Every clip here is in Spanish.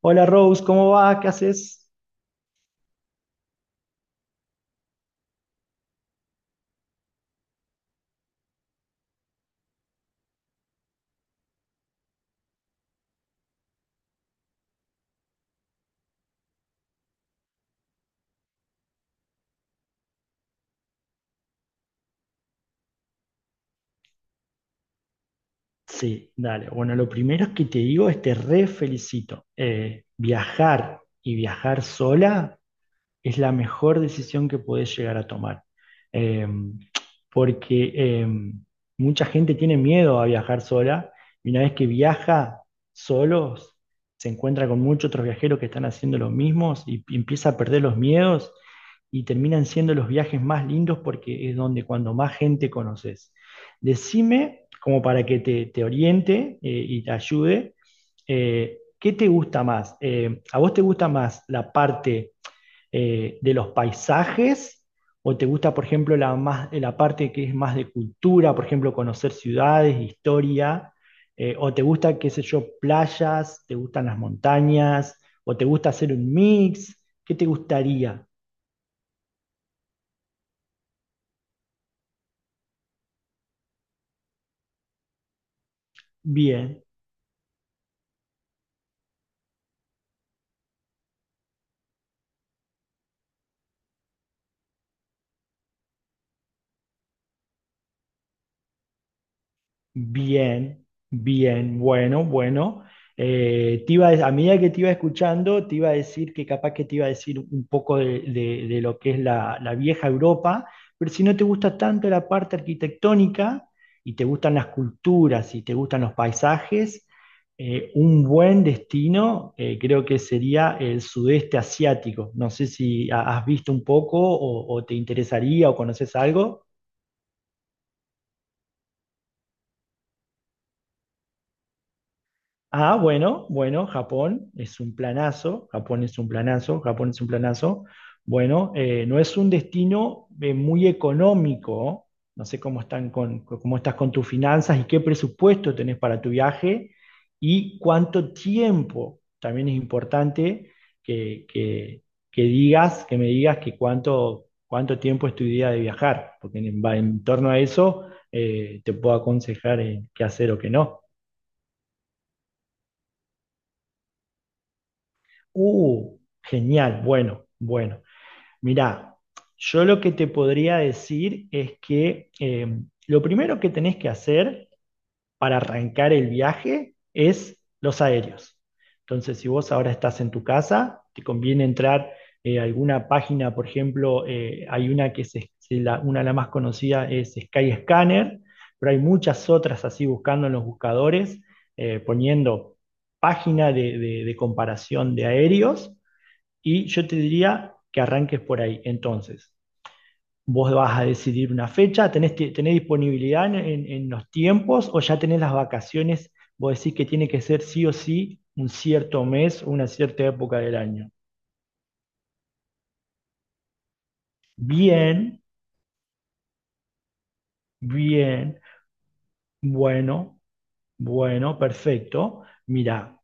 Hola Rose, ¿cómo va? ¿Qué haces? Sí, dale. Bueno, lo primero que te digo es te re felicito. Viajar y viajar sola es la mejor decisión que puedes llegar a tomar. Eh, porque mucha gente tiene miedo a viajar sola y una vez que viaja solos, se encuentra con muchos otros viajeros que están haciendo lo mismo y empieza a perder los miedos y terminan siendo los viajes más lindos porque es donde cuando más gente conoces. Decime, como para que te oriente y te ayude, ¿qué te gusta más? ¿A vos te gusta más la parte de los paisajes? ¿O te gusta, por ejemplo, la, más, la parte que es más de cultura, por ejemplo, conocer ciudades, historia? ¿O te gusta, qué sé yo, playas? ¿Te gustan las montañas? ¿O te gusta hacer un mix? ¿Qué te gustaría? Bien. Bien, bien, bueno, bueno. Te iba a medida que te iba escuchando, te iba a decir que capaz que te iba a decir un poco de, de lo que es la, la vieja Europa, pero si no te gusta tanto la parte arquitectónica y te gustan las culturas y te gustan los paisajes, un buen destino creo que sería el sudeste asiático. No sé si has visto un poco o te interesaría o conoces algo. Ah, bueno, bueno, Japón es un planazo, Japón es un planazo, Japón es un planazo. Bueno, no es un destino muy económico, no sé cómo están con, cómo estás con tus finanzas y qué presupuesto tenés para tu viaje y cuánto tiempo. También es importante que, que digas, que me digas que cuánto, cuánto tiempo es tu idea de viajar, porque en torno a eso te puedo aconsejar qué hacer o qué no. Uh, genial, bueno, bueno. Mirá, yo lo que te podría decir es que lo primero que tenés que hacer para arrancar el viaje es los aéreos. Entonces, si vos ahora estás en tu casa, te conviene entrar a alguna página, por ejemplo, hay una que es la, una de las más conocidas es Skyscanner, pero hay muchas otras así buscando en los buscadores, poniendo página de de comparación de aéreos y yo te diría que arranques por ahí. Entonces, vos vas a decidir una fecha, ¿tenés, tenés disponibilidad en, en los tiempos o ya tenés las vacaciones? Vos decís que tiene que ser sí o sí un cierto mes o una cierta época del año. Bien, bien, bueno, bueno, perfecto. Mira,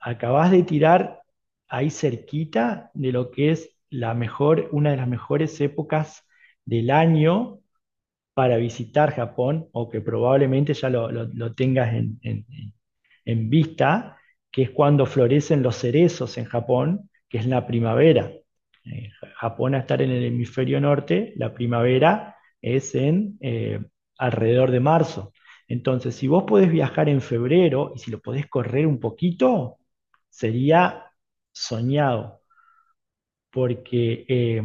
acabás de tirar ahí cerquita de lo que es la mejor, una de las mejores épocas del año para visitar Japón o que probablemente ya lo, lo tengas en, en vista, que es cuando florecen los cerezos en Japón, que es la primavera. Eh, Japón a estar en el hemisferio norte, la primavera es en alrededor de marzo. Entonces, si vos podés viajar en febrero y si lo podés correr un poquito, sería soñado porque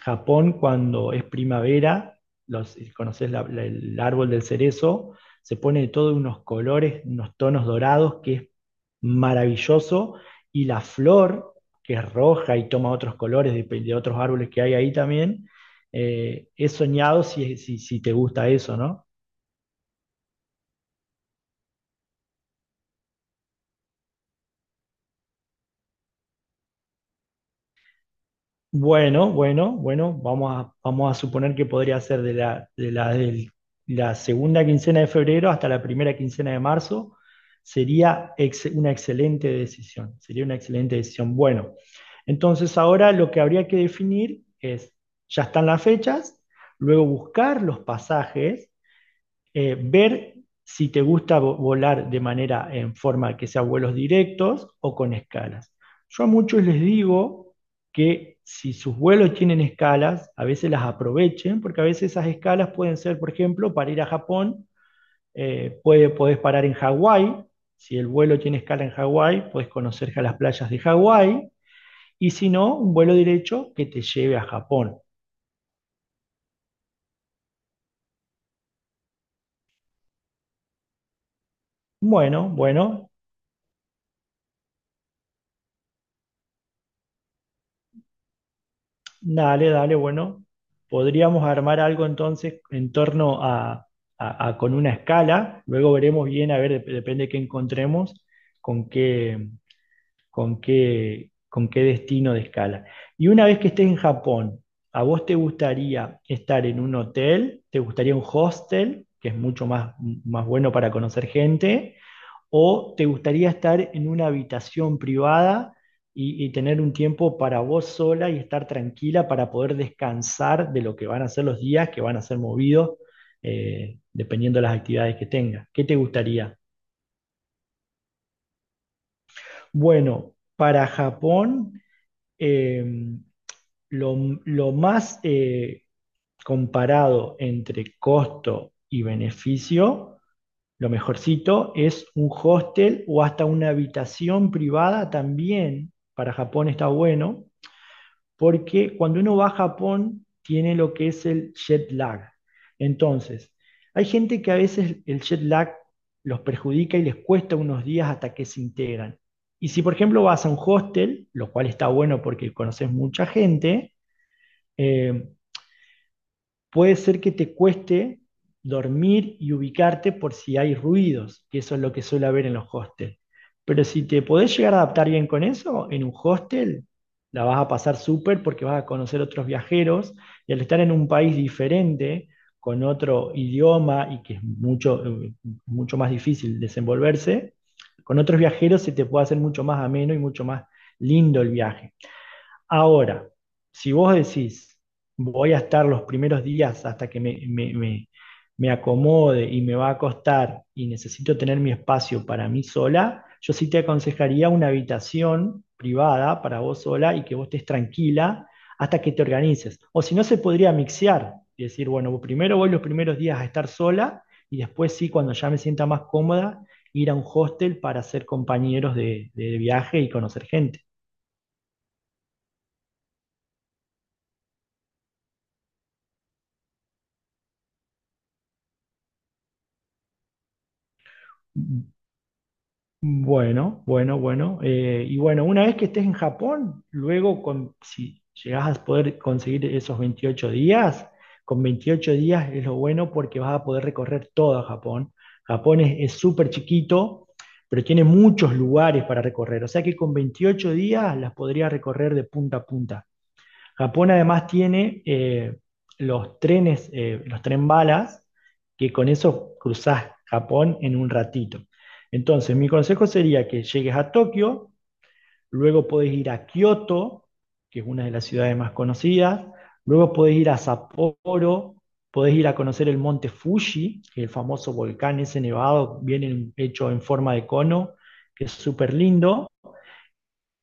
Japón cuando es primavera, los, conoces el árbol del cerezo, se pone de todos unos colores, unos tonos dorados, que es maravilloso, y la flor, que es roja y toma otros colores de otros árboles que hay ahí también, es soñado si te gusta eso, ¿no? Bueno, bueno, bueno, vamos a, vamos a suponer que podría ser de la, la segunda quincena de febrero hasta la primera quincena de marzo. Sería una excelente decisión, sería una excelente decisión. Bueno, entonces ahora lo que habría que definir es, ya están las fechas, luego buscar los pasajes ver si te gusta volar de manera en forma que sea vuelos directos o con escalas. Yo a muchos les digo que si sus vuelos tienen escalas, a veces las aprovechen, porque a veces esas escalas pueden ser, por ejemplo, para ir a Japón, puede, podés parar en Hawái, si el vuelo tiene escala en Hawái, puedes conocer las playas de Hawái, y si no, un vuelo derecho que te lleve a Japón. Bueno, bueno, dale, dale, bueno, podríamos armar algo entonces en torno a, con una escala, luego veremos bien, a ver, depende de qué encontremos, con qué, con qué, con qué destino de escala. Y una vez que estés en Japón, ¿a vos te gustaría estar en un hotel? ¿Te gustaría un hostel, que es mucho más, más bueno para conocer gente? ¿O te gustaría estar en una habitación privada y tener un tiempo para vos sola y estar tranquila para poder descansar de lo que van a ser los días que van a ser movidos dependiendo de las actividades que tengas? ¿Qué te gustaría? Bueno, para Japón, eh, lo, lo más comparado entre costo y beneficio, lo mejorcito es un hostel o hasta una habitación privada también. Para Japón está bueno, porque cuando uno va a Japón tiene lo que es el jet lag. Entonces, hay gente que a veces el jet lag los perjudica y les cuesta unos días hasta que se integran. Y si, por ejemplo, vas a un hostel, lo cual está bueno porque conoces mucha gente, eh, puede ser que te cueste dormir y ubicarte por si hay ruidos, que eso es lo que suele haber en los hostels. Pero si te podés llegar a adaptar bien con eso, en un hostel la vas a pasar súper porque vas a conocer otros viajeros y al estar en un país diferente, con otro idioma y que es mucho, mucho más difícil desenvolverse, con otros viajeros se te puede hacer mucho más ameno y mucho más lindo el viaje. Ahora, si vos decís, voy a estar los primeros días hasta que me, me acomode y me va a costar y necesito tener mi espacio para mí sola, yo sí te aconsejaría una habitación privada para vos sola y que vos estés tranquila hasta que te organices. O si no, se podría mixear y decir, bueno, primero voy los primeros días a estar sola y después sí, cuando ya me sienta más cómoda, ir a un hostel para ser compañeros de viaje y conocer gente. Bueno, bueno, bueno. Y bueno, una vez que estés en Japón, luego con, si llegas a poder conseguir esos 28 días, con 28 días es lo bueno porque vas a poder recorrer todo Japón. Japón es súper chiquito, pero tiene muchos lugares para recorrer. O sea que con 28 días las podrías recorrer de punta a punta. Japón además tiene los trenes, los tren balas, que con eso cruzás Japón en un ratito. Entonces, mi consejo sería que llegues a Tokio, luego podés ir a Kioto, que es una de las ciudades más conocidas, luego podés ir a Sapporo, podés ir a conocer el monte Fuji, que es el famoso volcán ese nevado, bien hecho en forma de cono, que es súper lindo.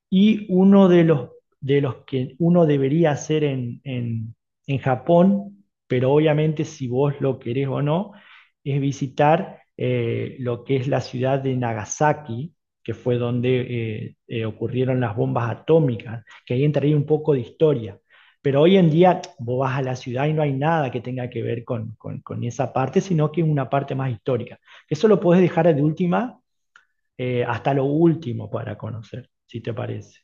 Y uno de los que uno debería hacer en Japón, pero obviamente si vos lo querés o no, es visitar lo que es la ciudad de Nagasaki, que fue donde ocurrieron las bombas atómicas, que ahí entraría un poco de historia. Pero hoy en día vos vas a la ciudad y no hay nada que tenga que ver con, con esa parte, sino que es una parte más histórica. Eso lo podés dejar de última hasta lo último para conocer, si te parece.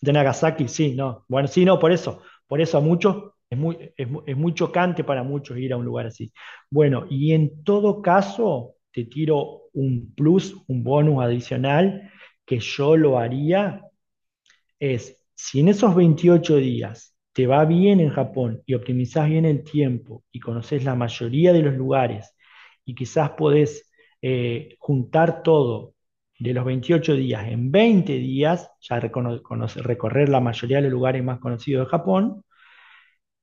De Nagasaki, sí, no. Bueno, sí, no, por eso. Por eso a muchos es muy, es, es muy chocante para muchos ir a un lugar así. Bueno, y en todo caso, te tiro un plus, un bonus adicional, que yo lo haría es, si en esos 28 días te va bien en Japón y optimizás bien el tiempo y conoces la mayoría de los lugares y quizás podés juntar todo de los 28 días en 20 días, ya recorrer la mayoría de los lugares más conocidos de Japón.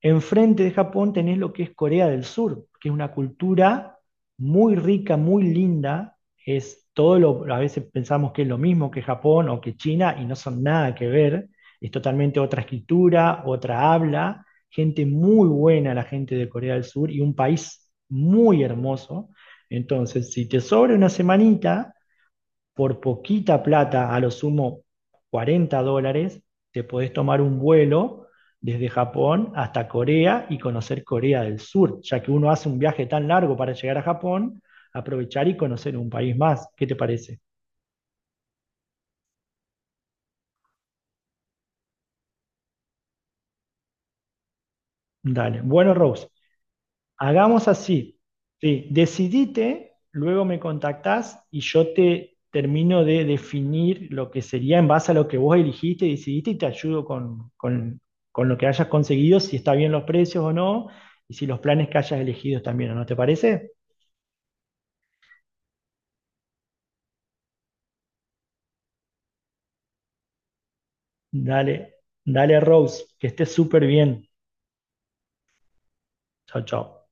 Enfrente de Japón tenés lo que es Corea del Sur, que es una cultura muy rica, muy linda. Es todo lo, a veces pensamos que es lo mismo que Japón o que China y no son nada que ver. Es totalmente otra escritura, otra habla, gente muy buena la gente de Corea del Sur y un país muy hermoso. Entonces, si te sobra una semanita, por poquita plata, a lo sumo $40, te podés tomar un vuelo desde Japón hasta Corea y conocer Corea del Sur, ya que uno hace un viaje tan largo para llegar a Japón, aprovechar y conocer un país más. ¿Qué te parece? Dale. Bueno, Rose, hagamos así. Sí, decidite, luego me contactás y yo te termino de definir lo que sería en base a lo que vos eligiste, decidiste y te ayudo con, con lo que hayas conseguido, si está bien los precios o no, y si los planes que hayas elegido también no, ¿te parece? Dale, dale Rose, que estés súper bien. Chao, chao.